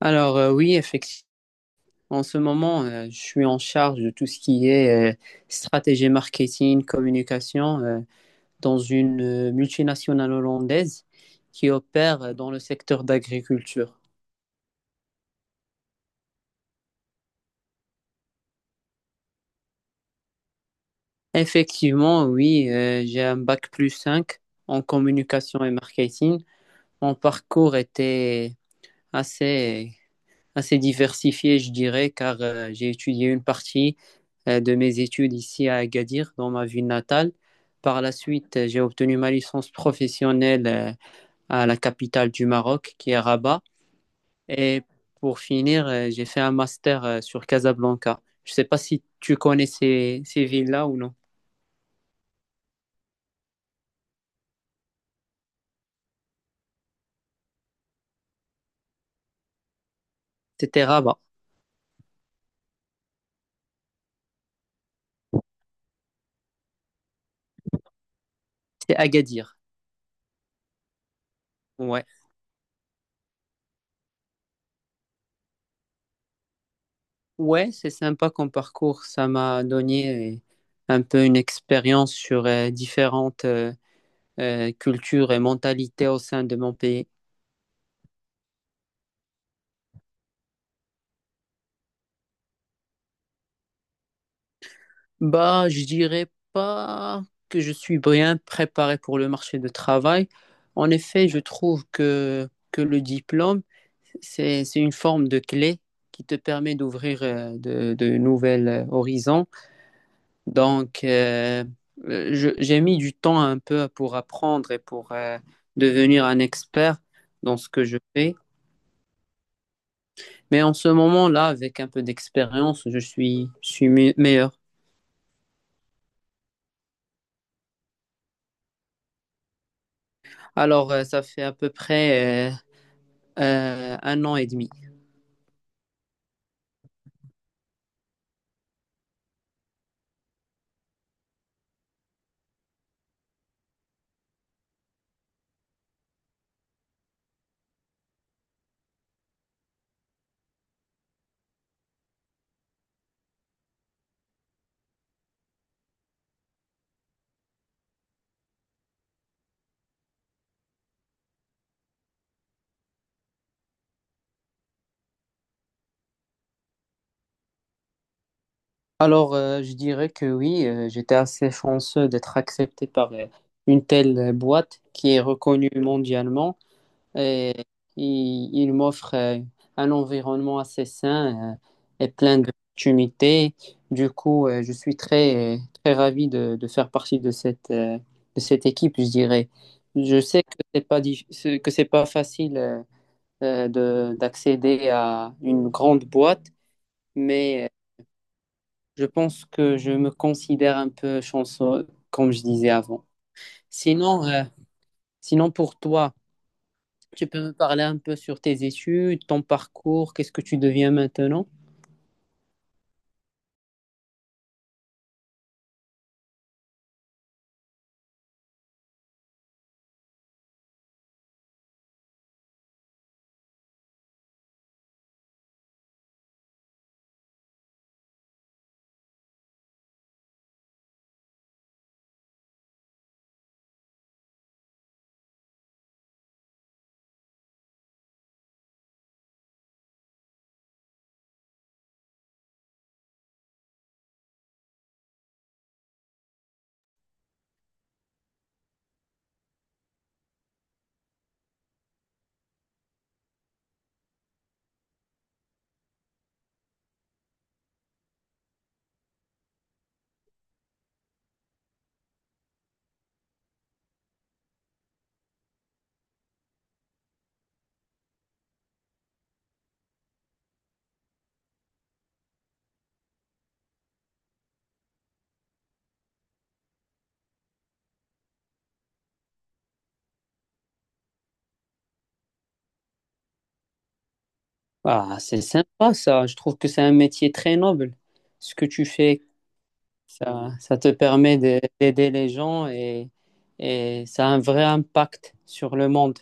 Alors, oui, effectivement, en ce moment, je suis en charge de tout ce qui est stratégie marketing, communication dans une multinationale hollandaise qui opère dans le secteur d'agriculture. Effectivement, oui, j'ai un bac+5 en communication et marketing. Mon parcours était assez assez diversifié, je dirais, car j'ai étudié une partie de mes études ici à Agadir, dans ma ville natale. Par la suite, j'ai obtenu ma licence professionnelle à la capitale du Maroc, qui est Rabat. Et pour finir, j'ai fait un master sur Casablanca. Je ne sais pas si tu connais ces villes-là ou non. C'était Rabat, c'est Agadir. Ouais, ouais, c'est sympa comme parcours. Ça m'a donné un peu une expérience sur différentes culture et mentalité au sein de mon pays? Bah, je dirais pas que je suis bien préparé pour le marché de travail. En effet, je trouve que le diplôme, c'est une forme de clé qui te permet d'ouvrir de nouvelles horizons. Donc, j'ai mis du temps un peu pour apprendre et pour devenir un expert dans ce que je fais. Mais en ce moment-là, avec un peu d'expérience, je suis meilleur. Alors, ça fait à peu près 1 an et demi. Alors, je dirais que oui, j'étais assez chanceux d'être accepté par une telle boîte qui est reconnue mondialement, et il m'offre un environnement assez sain et plein d'opportunités. Du coup, je suis très, très ravi de faire partie de cette équipe, je dirais. Je sais que c'est pas facile. De, d'accéder à une grande boîte, mais je pense que je me considère un peu chanceux, comme je disais avant. Sinon, euh, sinon pour toi, tu peux me parler un peu sur tes études, ton parcours, qu'est-ce que tu deviens maintenant? Ah, c'est sympa, ça. Je trouve que c'est un métier très noble. Ce que tu fais, ça te permet d'aider les gens, et ça a un vrai impact sur le monde.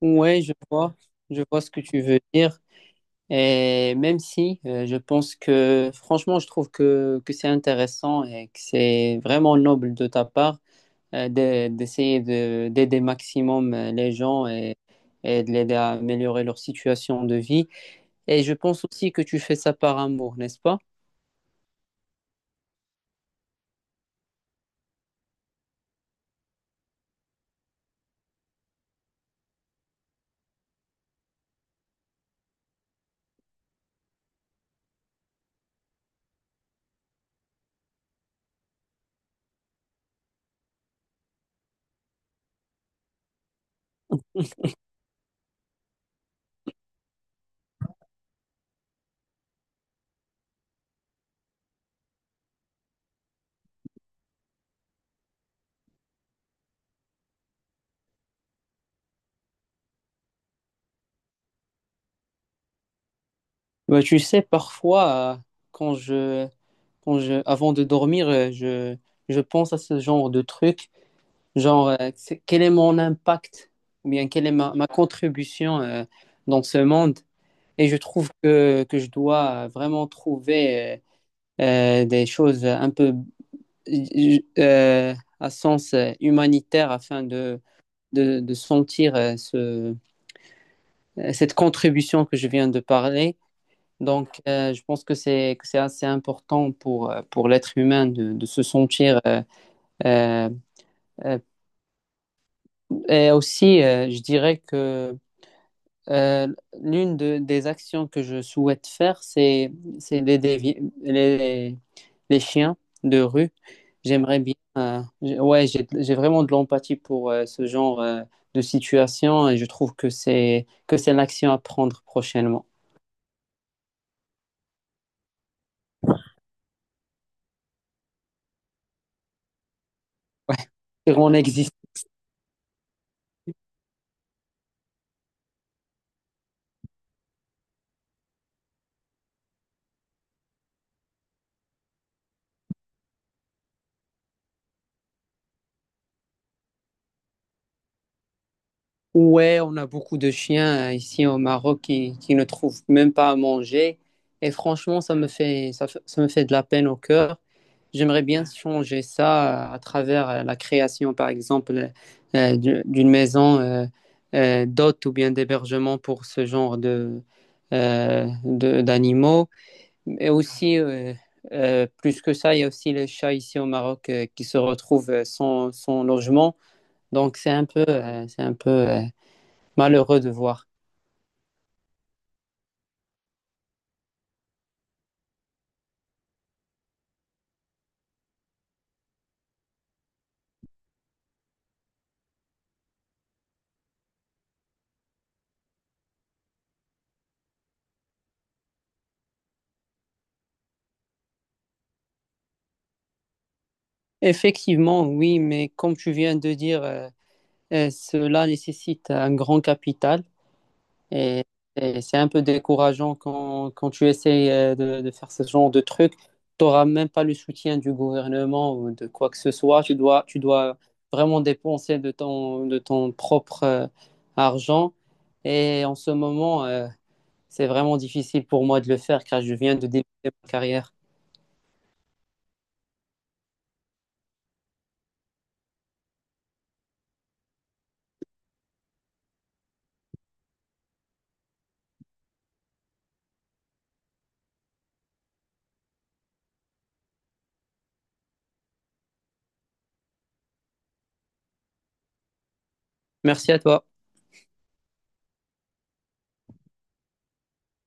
Oui, je vois ce que tu veux dire. Et même si je pense que, franchement, je trouve que c'est intéressant et que c'est vraiment noble de ta part, d'essayer d'aider maximum les gens, et de l'aider à améliorer leur situation de vie. Et je pense aussi que tu fais ça par amour, n'est-ce pas? Bah, tu sais, parfois, quand je, quand je, avant de dormir, je pense à ce genre de truc, genre, quel est mon impact ou bien quelle est ma contribution dans ce monde? Et je trouve que je dois vraiment trouver des choses un peu euh, à sens humanitaire afin de sentir cette contribution que je viens de parler. Donc, je pense que c'est assez important pour l'être humain de se sentir euh, euh, et aussi je dirais que euh, des actions que je souhaite faire c'est les les chiens de rue. J'aimerais bien, ouais, j'ai vraiment de l'empathie pour ce genre de situation, et je trouve que c'est une action à prendre prochainement. Ouais, sur mon existence. Ouais, on a beaucoup de chiens ici au Maroc qui ne trouvent même pas à manger. Et franchement, ça me fait de la peine au cœur. J'aimerais bien changer ça à travers la création, par exemple, d'une maison d'hôtes ou bien d'hébergement pour ce genre d'animaux. Et aussi, plus que ça, il y a aussi les chats ici au Maroc qui se retrouvent sans logement. Donc, c'est un peu, malheureux de voir. Effectivement, oui, mais comme tu viens de dire, cela nécessite un grand capital, et, et c'est un peu décourageant quand tu essayes de faire ce genre de truc. Tu n'auras même pas le soutien du gouvernement ou de quoi que ce soit. Tu dois vraiment dépenser de ton propre argent. Et en ce moment, c'est vraiment difficile pour moi de le faire car je viens de débuter ma carrière. Merci à toi.